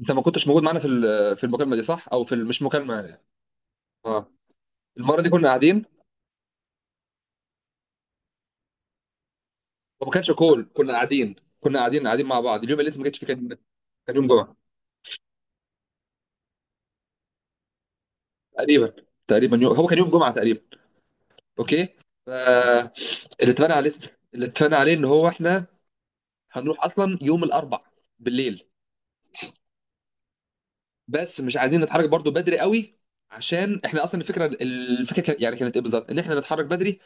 انت ما كنتش موجود معانا في المكالمه دي، صح؟ مش مكالمه يعني. اه، المره دي كنا قاعدين. وما كانش كول، كنا قاعدين، قاعدين مع بعض. اليوم اللي انت ما جيتش فيه كان يوم جمعه تقريبا. تقريبا يوم، هو كان يوم جمعه تقريبا. اوكي. فاللي اتفقنا عليه، ان هو احنا هنروح اصلا يوم الاربع بالليل. بس مش عايزين نتحرك برضو بدري قوي، عشان احنا اصلا الفكره يعني كانت ايه بالظبط، ان احنا نتحرك بدري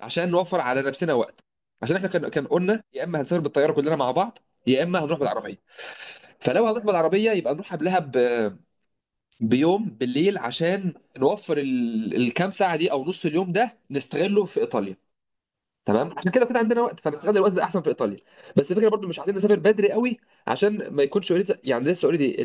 عشان نوفر على نفسنا وقت. عشان احنا كان قلنا يا اما هنسافر بالطياره كلنا مع بعض، يا اما هنروح بالعربيه. فلو هنروح بالعربيه يبقى نروح قبلها بيوم بالليل عشان نوفر الكام ساعه دي او نص اليوم ده نستغله في ايطاليا. تمام، عشان كده كده عندنا وقت، فنستغل الوقت ده احسن في ايطاليا. بس الفكره برضو مش عايزين نسافر بدري قوي، عشان ما يكونش اوريدي يعني، لسه اوريدي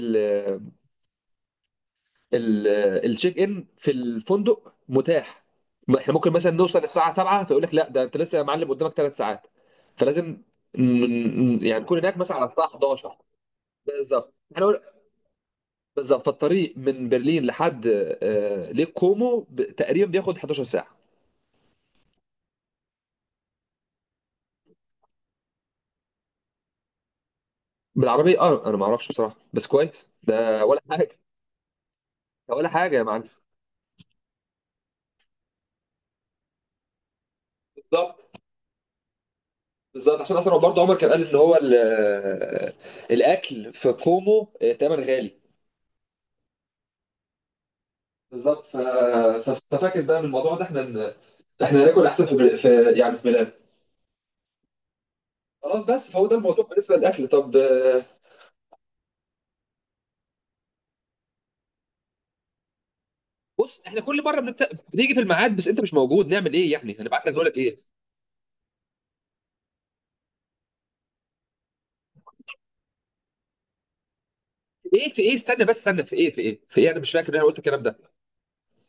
ال- التشيك ان في الفندق متاح. ما احنا ممكن مثلا نوصل الساعه 7 فيقول لك لا، ده انت لسه يا معلم قدامك 3 ساعات. فلازم ن- يعني نكون هناك مثلا على الساعه 11. بالظبط، احنا نقول بالظبط. فالطريق من برلين لحد ليك كومو تقريبا بياخد 11 ساعه بالعربيه. اه انا ما اعرفش بصراحه، بس كويس ده ولا حاجه؟ ده ولا حاجه يا معلم، بالظبط، بالظبط. عشان اصلا برضه عمر كان قال ان هو الاكل في كومو تمن غالي. بالظبط. ففاكس بقى من الموضوع ده، احنا احنا ناكل احسن في، يعني في ميلان. خلاص، بس فهو ده الموضوع بالنسبه للاكل. طب بص، احنا كل مره بنيجي في الميعاد بس انت مش موجود. نعمل ايه يعني؟ هنبعت لك نقول لك ايه؟ ايه في ايه؟ استنى بس، استنى، في ايه في ايه؟ انا مش فاكر إن انا قلت الكلام ده.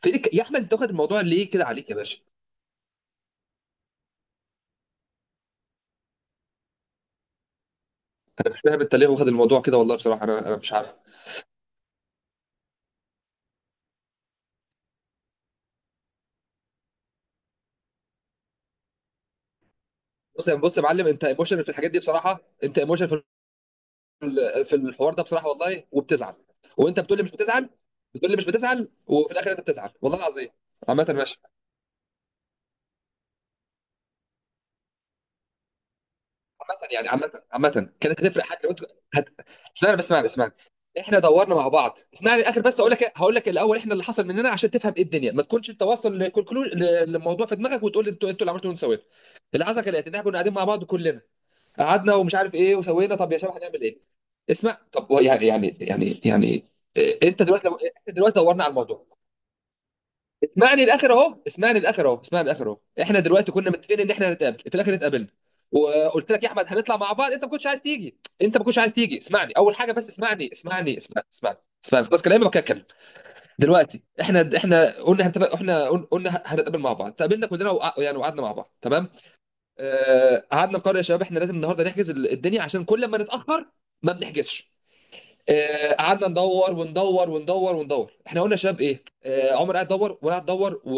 في إيه؟ يا احمد انت واخد الموضوع ليه كده عليك يا باشا؟ انا مش فاهم انت ليه واخد الموضوع كده، والله بصراحه انا مش عارف. بص يا معلم، انت ايموشن في الحاجات دي بصراحه، انت ايموشن في الحوار ده بصراحه والله، وبتزعل. وانت بتقول لي مش بتزعل، بتقول لي مش بتزعل، وفي الاخر انت بتزعل، والله العظيم. عامة ماشي. عامة يعني، عامة كانت هتفرق حاجة لو انت هت... اسمعني بس، اسمعني، اسمعني. احنا دورنا مع بعض، اسمعني الاخر بس اقول لك هقول لك الاول احنا اللي حصل مننا عشان تفهم ايه الدنيا، ما تكونش انت واصل لكونكلوج للموضوع في دماغك وتقول لي انتوا اللي عملتوا وانتوا سويتوا. اللي حصل كان ان احنا كنا قاعدين مع بعض كلنا، قعدنا ومش عارف ايه، وسوينا طب يا شباب هنعمل ايه؟ اسمع. طب هو يعني انت دلوقتي احنا دلوقتي دورنا على الموضوع. اسمعني للاخر اهو، اسمعني للاخر اهو، اسمعني للاخر اهو. احنا دلوقتي كنا متفقين ان احنا هنتقابل، في الاخر اتقابلنا. وقلت لك يا احمد هنطلع مع بعض، انت ما كنتش عايز تيجي، انت ما كنتش عايز تيجي. اسمعني اول حاجه بس، اسمعني، اسمعني، اسمعني، اسمعني. اسمعني بس كلامي بقى، اتكلم. دلوقتي احنا قلنا هنتفق، احنا قلنا هنتقابل مع بعض، تقابلنا كلنا، يعني وقعدنا مع بعض، تمام. قعدنا نقرر يا شباب، احنا لازم النهارده نحجز الدنيا عشان كل ما نتاخر ما بنحجزش. قعدنا ندور وندور وندور وندور. احنا قلنا يا شباب ايه، عمر قاعد يدور وانا قاعد ادور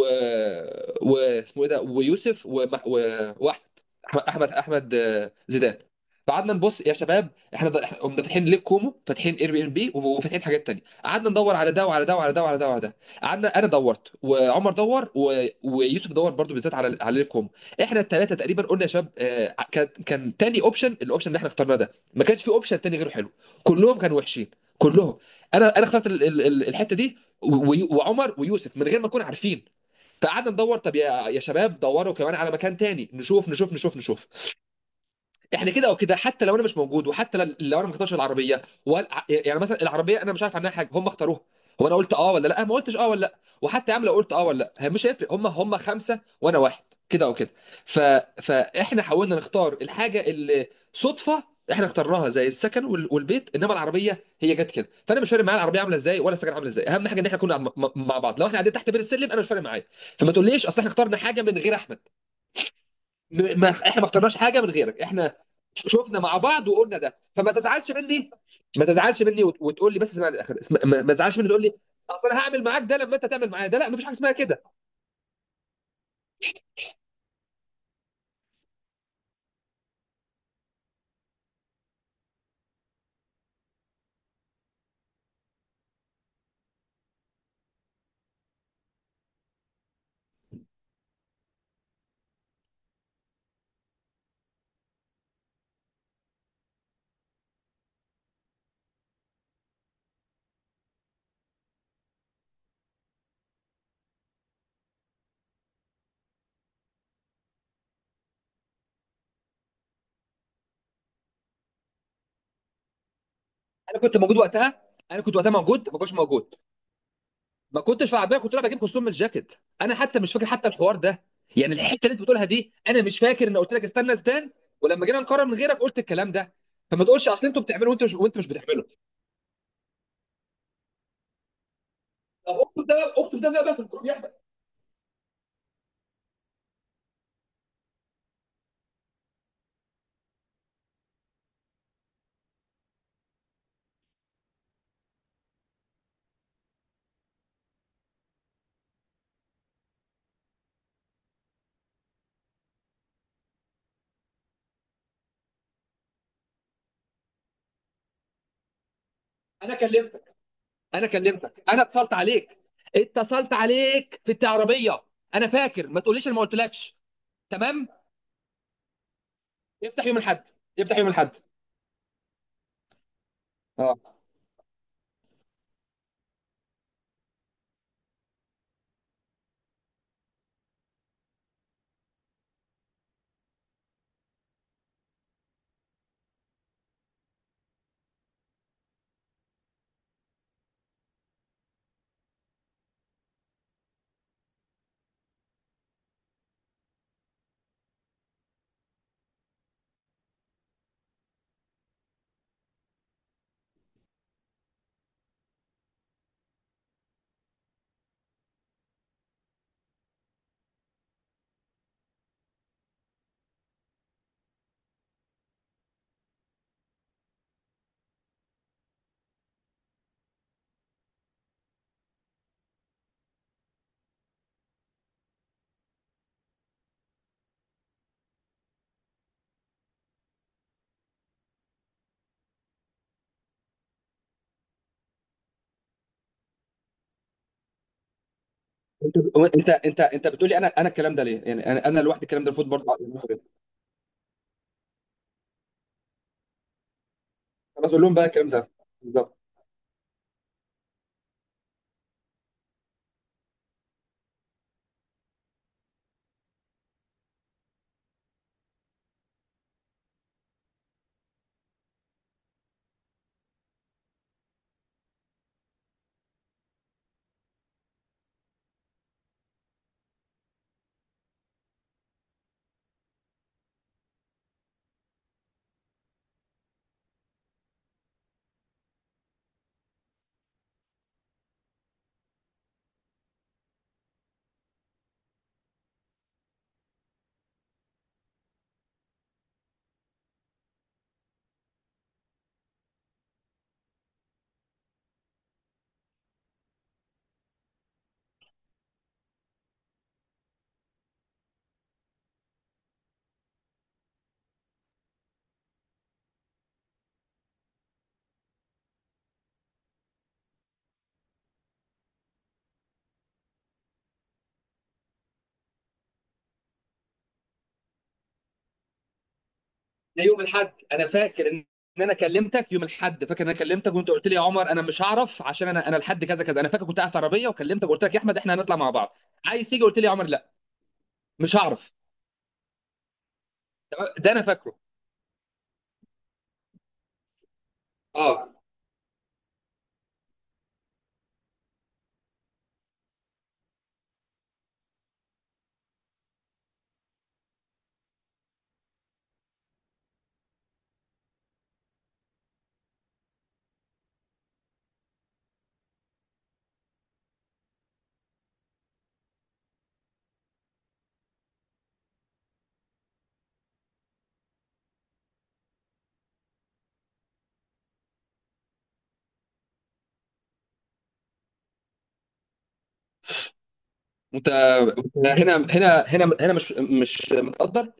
واسمه ايه ده، ويوسف واحمد، احمد احمد احمد زيدان. فقعدنا نبص يا شباب، إحنا قمنا فاتحين ليب كومو، فاتحين اير بي ام بي، وفاتحين حاجات تانية. قعدنا ندور على ده وعلى ده وعلى ده وعلى ده وعلى ده. قعدنا انا دورت وعمر دور ويوسف دور برضو، بالذات على ليب كومو. احنا الثلاثه تقريبا قلنا يا شباب، كان تاني اوبشن، الاوبشن اللي احنا اخترناه ده، ما كانش في اوبشن تاني غيره حلو. كلهم كانوا وحشين، كلهم. انا اخترت الحته دي، وعمر ويوسف، من غير ما نكون عارفين. فقعدنا ندور، طب يا شباب دوروا كمان على مكان تاني، نشوف، نشوف، نشوف، نشوف. احنا كده او كده، حتى لو انا مش موجود، وحتى لو انا ما اختارش العربيه يعني مثلا العربيه انا مش عارف عنها حاجه، هم اختاروها. هو انا قلت اه ولا لا؟ ما قلتش اه ولا لا. وحتى يا عم لو قلت اه ولا لا هي مش هيفرق، هم خمسه وانا واحد، كده او كده. ف... فاحنا حاولنا نختار الحاجه اللي صدفه احنا اخترناها زي السكن والبيت، انما العربيه هي جت كده. فانا مش فارق معايا العربيه عامله ازاي ولا السكن عامله ازاي، اهم حاجه ان احنا كنا مع بعض. لو احنا قاعدين تحت بير السلم انا مش فارق معايا. فما تقوليش اصل احنا اخترنا حاجه من غير احمد. ما احنا ما اخترناش حاجه من غيرك. احنا شفنا مع بعض وقلنا ده، فما تزعلش مني. ما تزعلش مني وتقول لي بس اسمعني للاخر. ما تزعلش مني تقول لي اصل انا هعمل معاك ده لما انت تعمل معايا ده. لا، مفيش حاجه اسمها كده. انا كنت موجود وقتها، انا كنت وقتها موجود. ما كنتش موجود، ما كنتش في العربيه، كنت رايح بجيب كلثوم من الجاكيت. انا حتى مش فاكر حتى الحوار ده. يعني الحته اللي انت بتقولها دي انا مش فاكر ان قلت لك استنى اسدان. ولما جينا نقرر من غيرك قلت الكلام ده. فما تقولش اصل انتوا بتعملوا، وانت مش بتعمله. طب اكتب ده اكتب ده بقى في الجروب يا احمد. انا كلمت انا كلمتك، انا اتصلت عليك اتصلت عليك في العربيه. انا فاكر، ما تقوليش انا ما قلتلكش. تمام، افتح يوم الاحد، افتح يوم الاحد. اه. انت بتقولي انا الكلام ده ليه يعني؟ انا لوحدي الكلام ده المفروض برضه؟ خلاص، اقول لهم بقى الكلام ده بالظبط. ده يوم الاحد انا فاكر ان انا كلمتك يوم الاحد. فاكر ان انا كلمتك وانت قلت لي يا عمر انا مش هعرف عشان انا لحد كذا كذا. انا فاكر كنت قاعد في عربيه وكلمتك وقلت لك يا احمد احنا هنطلع مع بعض، عايز تيجي؟ قلت لي يا عمر لا، مش هعرف. تمام؟ ده انا فاكره. اه، انت هنا، هنا، هنا، هنا، مش متقدر.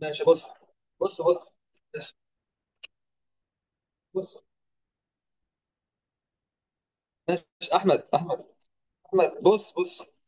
ماشي، بص، بص، بص، ماشي، بص، ماشي، احمد، احمد، احمد، بص، بص.